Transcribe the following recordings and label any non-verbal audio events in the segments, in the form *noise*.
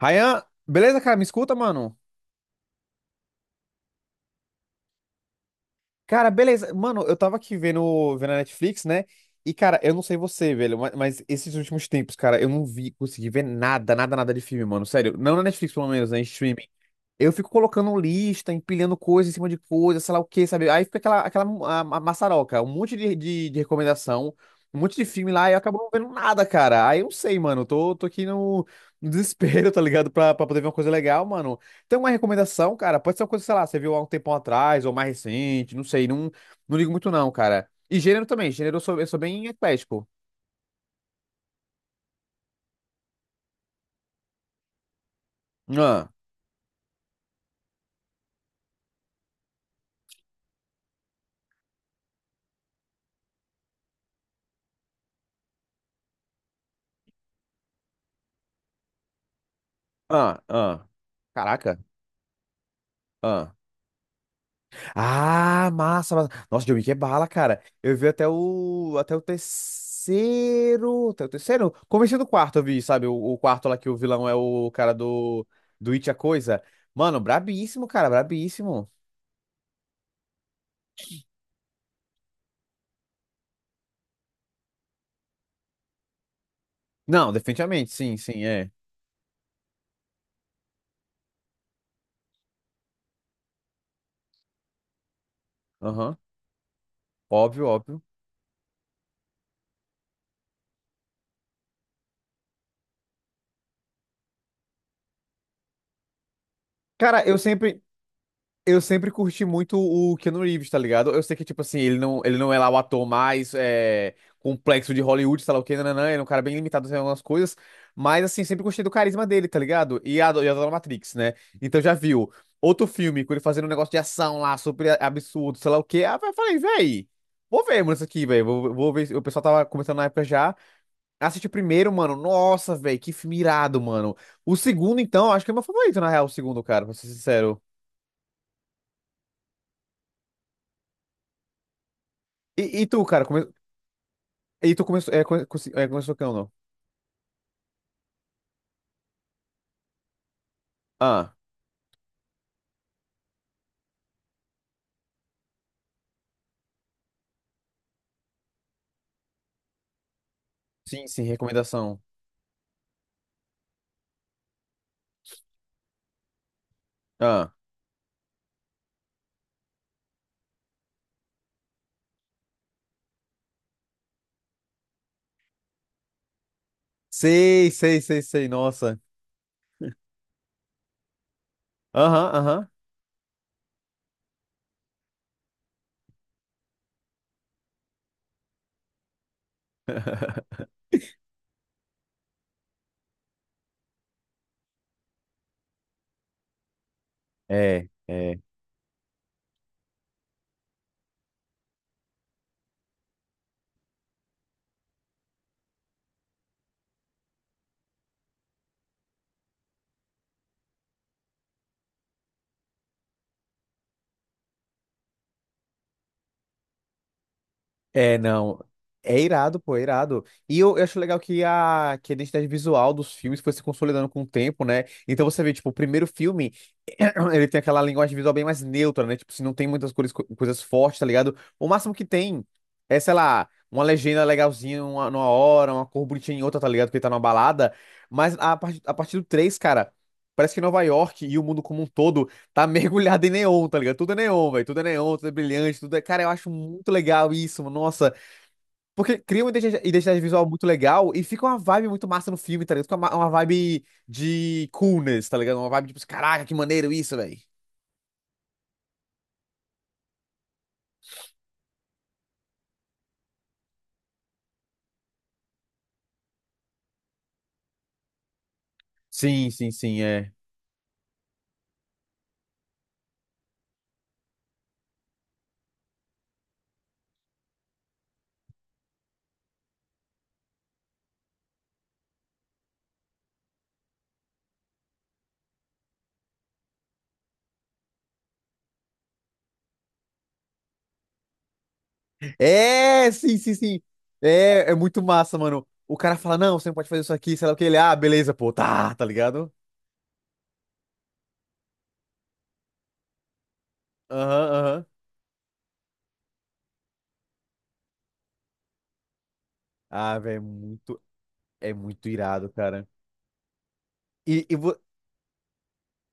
Ryan, beleza, cara? Me escuta, mano? Cara, beleza. Mano, eu tava aqui vendo a Netflix, né? E, cara, eu não sei você, velho, mas esses últimos tempos, cara, eu não vi, consegui ver nada, nada, nada de filme, mano. Sério, não na Netflix, pelo menos, né? Em streaming. Eu fico colocando lista, empilhando coisa em cima de coisa, sei lá o quê, sabe? Aí fica aquela, aquela a maçaroca, um monte de recomendação, um monte de filme lá, e eu acabo não vendo nada, cara. Aí eu não sei, mano. Tô aqui no desespero, *laughs* tá ligado? Pra poder ver uma coisa legal, mano. Tem uma recomendação, cara? Pode ser uma coisa, sei lá, você viu há um tempão atrás, ou mais recente, não sei. Não, não ligo muito, não, cara. E gênero também. Gênero eu sou bem eclético. Ah, ah. Caraca. Ah, massa, massa. Nossa, John Wick é bala, cara. Eu vi até o terceiro, comecei do quarto, eu vi, sabe? O quarto lá que o vilão é o cara do It a Coisa. Mano, brabíssimo, cara, brabíssimo. Não, definitivamente, sim, sim, é. Aham, óbvio, óbvio. Cara, eu sempre, Eu sempre curti muito o Keanu Reeves, tá ligado? Eu sei que, tipo assim, ele não é lá o ator mais é, complexo de Hollywood, sei lá o quê, nananã, ele é um cara bem limitado em algumas coisas, mas, assim, sempre gostei do carisma dele, tá ligado? E a e adoro Matrix, né? Então já viu outro filme com ele fazendo um negócio de ação lá, super absurdo, sei lá o quê. Ah, eu falei, véi, vou ver, mano, isso aqui, véi, vou ver. O pessoal tava comentando na época já. Assisti o primeiro, mano, nossa, véi, que filme irado, mano. O segundo, então, acho que é meu favorito, na real, o segundo, cara, pra ser sincero. E, e tu, cara, E tu começou. É, começou que não? Ah, sim, sim, recomendação. Ah, sei, nossa. Aham, aham. É, é. É, não. É irado, pô, é irado. Eu acho legal que que a identidade visual dos filmes foi se consolidando com o tempo, né? Então você vê, tipo, o primeiro filme, *clears throat* ele tem aquela linguagem visual bem mais neutra, né? Tipo, se não tem muitas cores, coisas fortes, tá ligado? O máximo que tem é, sei lá, uma legenda legalzinha numa hora, uma cor bonitinha em outra, tá ligado? Porque tá numa balada. Mas a partir do 3, cara, parece que Nova York e o mundo como um todo tá *laughs* mergulhado em neon, tá ligado? Tudo é neon, velho. Tudo é neon, tudo é brilhante, tudo é. Cara, eu acho muito legal isso, mano. Nossa. Porque cria uma identidade visual muito legal e fica uma vibe muito massa no filme, tá ligado? Fica uma vibe de coolness, tá ligado? Uma vibe tipo, caraca, que maneiro isso, velho. Sim, sim, sim, é. É, sim, sim, sim. É, é muito massa, mano. O cara fala, não, você não pode fazer isso aqui, sei lá o que. Ele, ah, beleza, pô, tá, tá ligado? Aham, aham. Ah, velho, é muito irado, cara. E, e vo-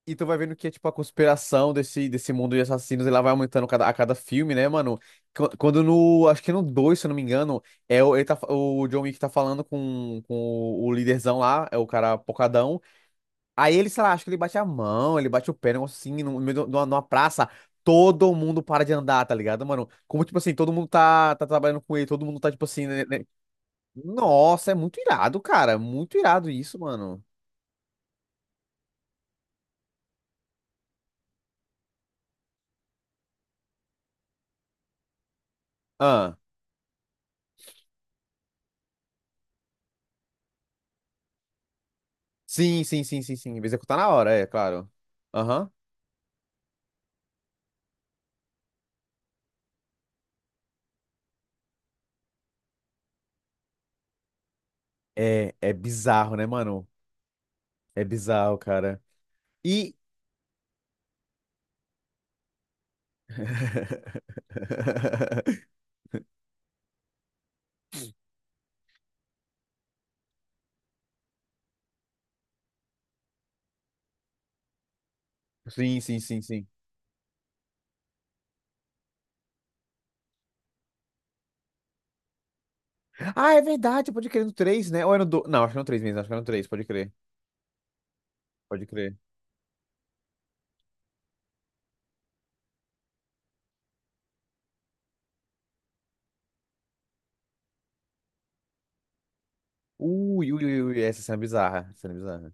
E tu vai vendo que é tipo a conspiração desse mundo de assassinos, ela vai aumentando cada, a cada filme, né, mano? Quando no. Acho que no dois, se eu não me engano, é o, ele tá, o John Wick tá falando com o líderzão lá, é o cara pocadão. Aí ele, sei lá, acho que ele bate a mão, ele bate o pé, um negócio assim, no meio de uma numa praça. Todo mundo para de andar, tá ligado, mano? Como, tipo assim, todo mundo tá, tá trabalhando com ele, todo mundo tá, tipo assim, né, né? Nossa, é muito irado, cara. Muito irado isso, mano. Sim, sim, sim, sim, sim. Executar na hora, é, claro. Aham. É, é bizarro, né, mano? É bizarro, cara. E. *laughs* Sim, sim, sim, sim. Ah, é verdade, pode crer no três, né? Ou era no dois. Não, acho que era no 3 mesmo, acho que era no 3, pode crer. Pode crer. Ui, ui, ui, ui, essa cena é bizarra. Essa cena é bizarra.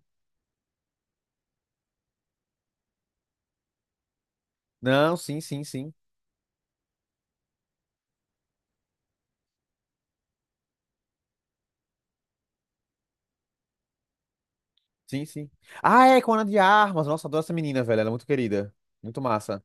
Não, sim, sim, sim. Sim, sim. Ah, é, com a Ana de Armas. Nossa, adoro essa menina, velho. Ela é muito querida. Muito massa.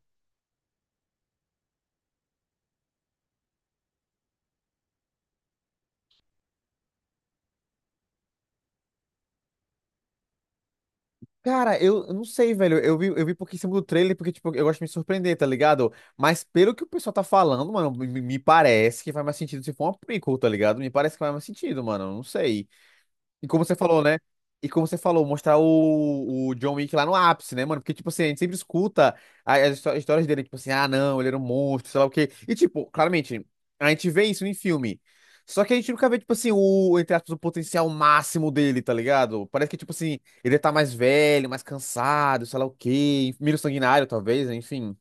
Cara, eu não sei, velho. Eu vi porque em cima do trailer, porque, tipo, eu gosto de me surpreender, tá ligado? Mas pelo que o pessoal tá falando, mano, me parece que faz mais sentido se for uma prequel, tá ligado? Me parece que faz mais sentido, mano. Eu Não sei. E como você falou, né? E como você falou, mostrar o John Wick lá no ápice, né, mano? Porque, tipo assim, a gente sempre escuta histórias dele, tipo assim, ah, não, ele era um monstro, sei lá o quê. E, tipo, claramente, a gente vê isso em filme. Só que a gente nunca vê, tipo assim, o, entre aspas, o potencial máximo dele, tá ligado? Parece que, tipo assim, ele tá mais velho, mais cansado, sei lá o quê, menos sanguinário, talvez, né, enfim.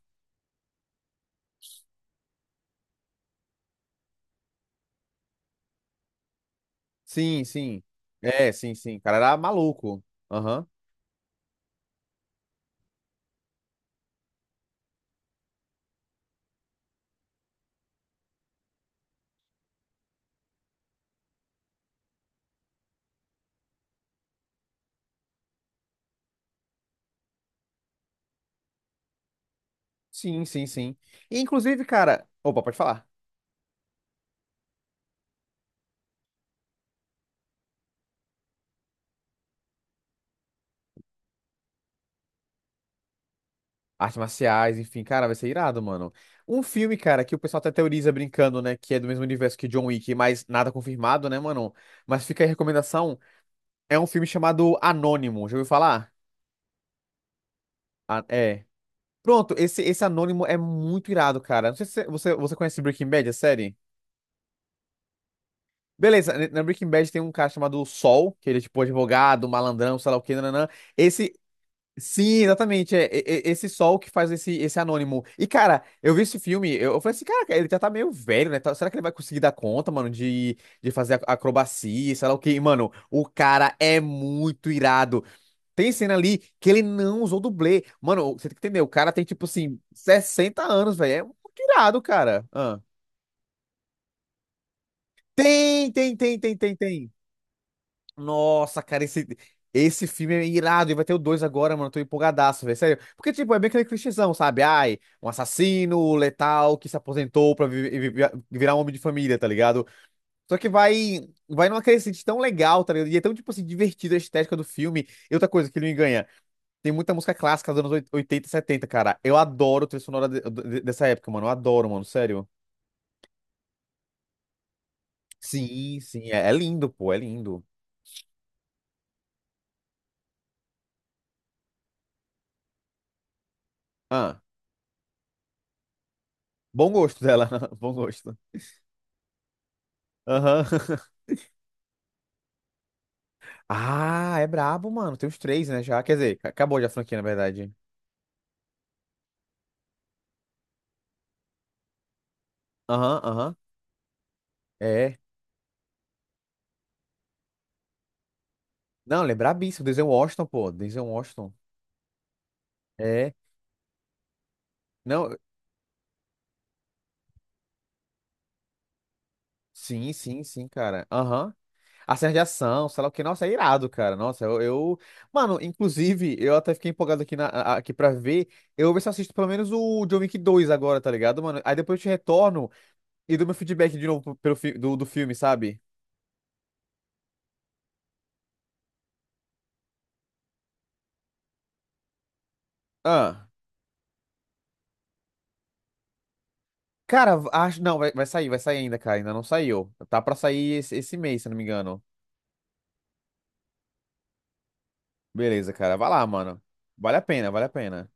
Sim, sim. É, sim, sim. O cara era maluco. Aham. Sim, sim, sim. E, inclusive, cara. Opa, pode falar. Artes marciais, enfim, cara, vai ser irado, mano. Um filme, cara, que o pessoal até teoriza brincando, né, que é do mesmo universo que John Wick, mas nada confirmado, né, mano? Mas fica aí a recomendação, é um filme chamado Anônimo, já ouviu falar? Ah, é. Pronto, esse Anônimo é muito irado, cara. Não sei se você conhece Breaking Bad, a série? Beleza, na Breaking Bad tem um cara chamado Sol, que ele é tipo advogado, malandrão, sei lá o que, nananã. Esse, sim, exatamente. É, é esse sol que faz esse anônimo. E, cara, eu vi esse filme, eu falei assim, cara, ele já tá meio velho, né? Será que ele vai conseguir dar conta, mano, de fazer acrobacia, sei lá o quê? E, mano, o cara é muito irado. Tem cena ali que ele não usou dublê. Mano, você tem que entender, o cara tem, tipo assim, 60 anos, velho. É muito irado, cara. Ah. Tem, tem, tem, tem, tem, tem. Nossa, cara, esse filme é irado. E vai ter o 2 agora, mano. Eu Tô empolgadaço, velho. Sério. Porque, tipo, é bem aquele clichêzão, sabe? Ai, um assassino letal que se aposentou pra virar um homem de família, tá ligado? Só que vai numa crescente tão legal, tá ligado? E é tão, tipo assim, divertida a estética do filme. E outra coisa que ele me ganha. Tem muita música clássica dos anos 80 e 70, cara. Eu adoro a trilha sonora dessa época, mano. Eu adoro, mano. Sério. Sim, sim. É, é lindo, pô. É lindo. Ah, bom gosto dela. *laughs* Bom gosto. Aham. Ah, é brabo, mano. Tem os três, né? Já. Quer dizer, acabou já a franquia, na verdade. Aham, aham. É. Não, ele é brabíssimo. Denzel Washington, pô. Denzel Washington. É. Não, sim, sim, sim, cara. Aham. A cena de ação, sei lá o que. Nossa, é irado, cara. Mano, inclusive, eu até fiquei empolgado aqui, aqui pra ver. Eu vou ver se eu assisto pelo menos o John Wick 2 agora, tá ligado, mano? Aí depois eu te retorno e dou meu feedback de novo do filme, sabe? Ah. Cara, acho. Não, vai sair ainda, cara. Ainda não saiu. Tá pra sair esse, esse mês, se eu não me engano. Beleza, cara. Vai lá, mano. Vale a pena, vale a pena.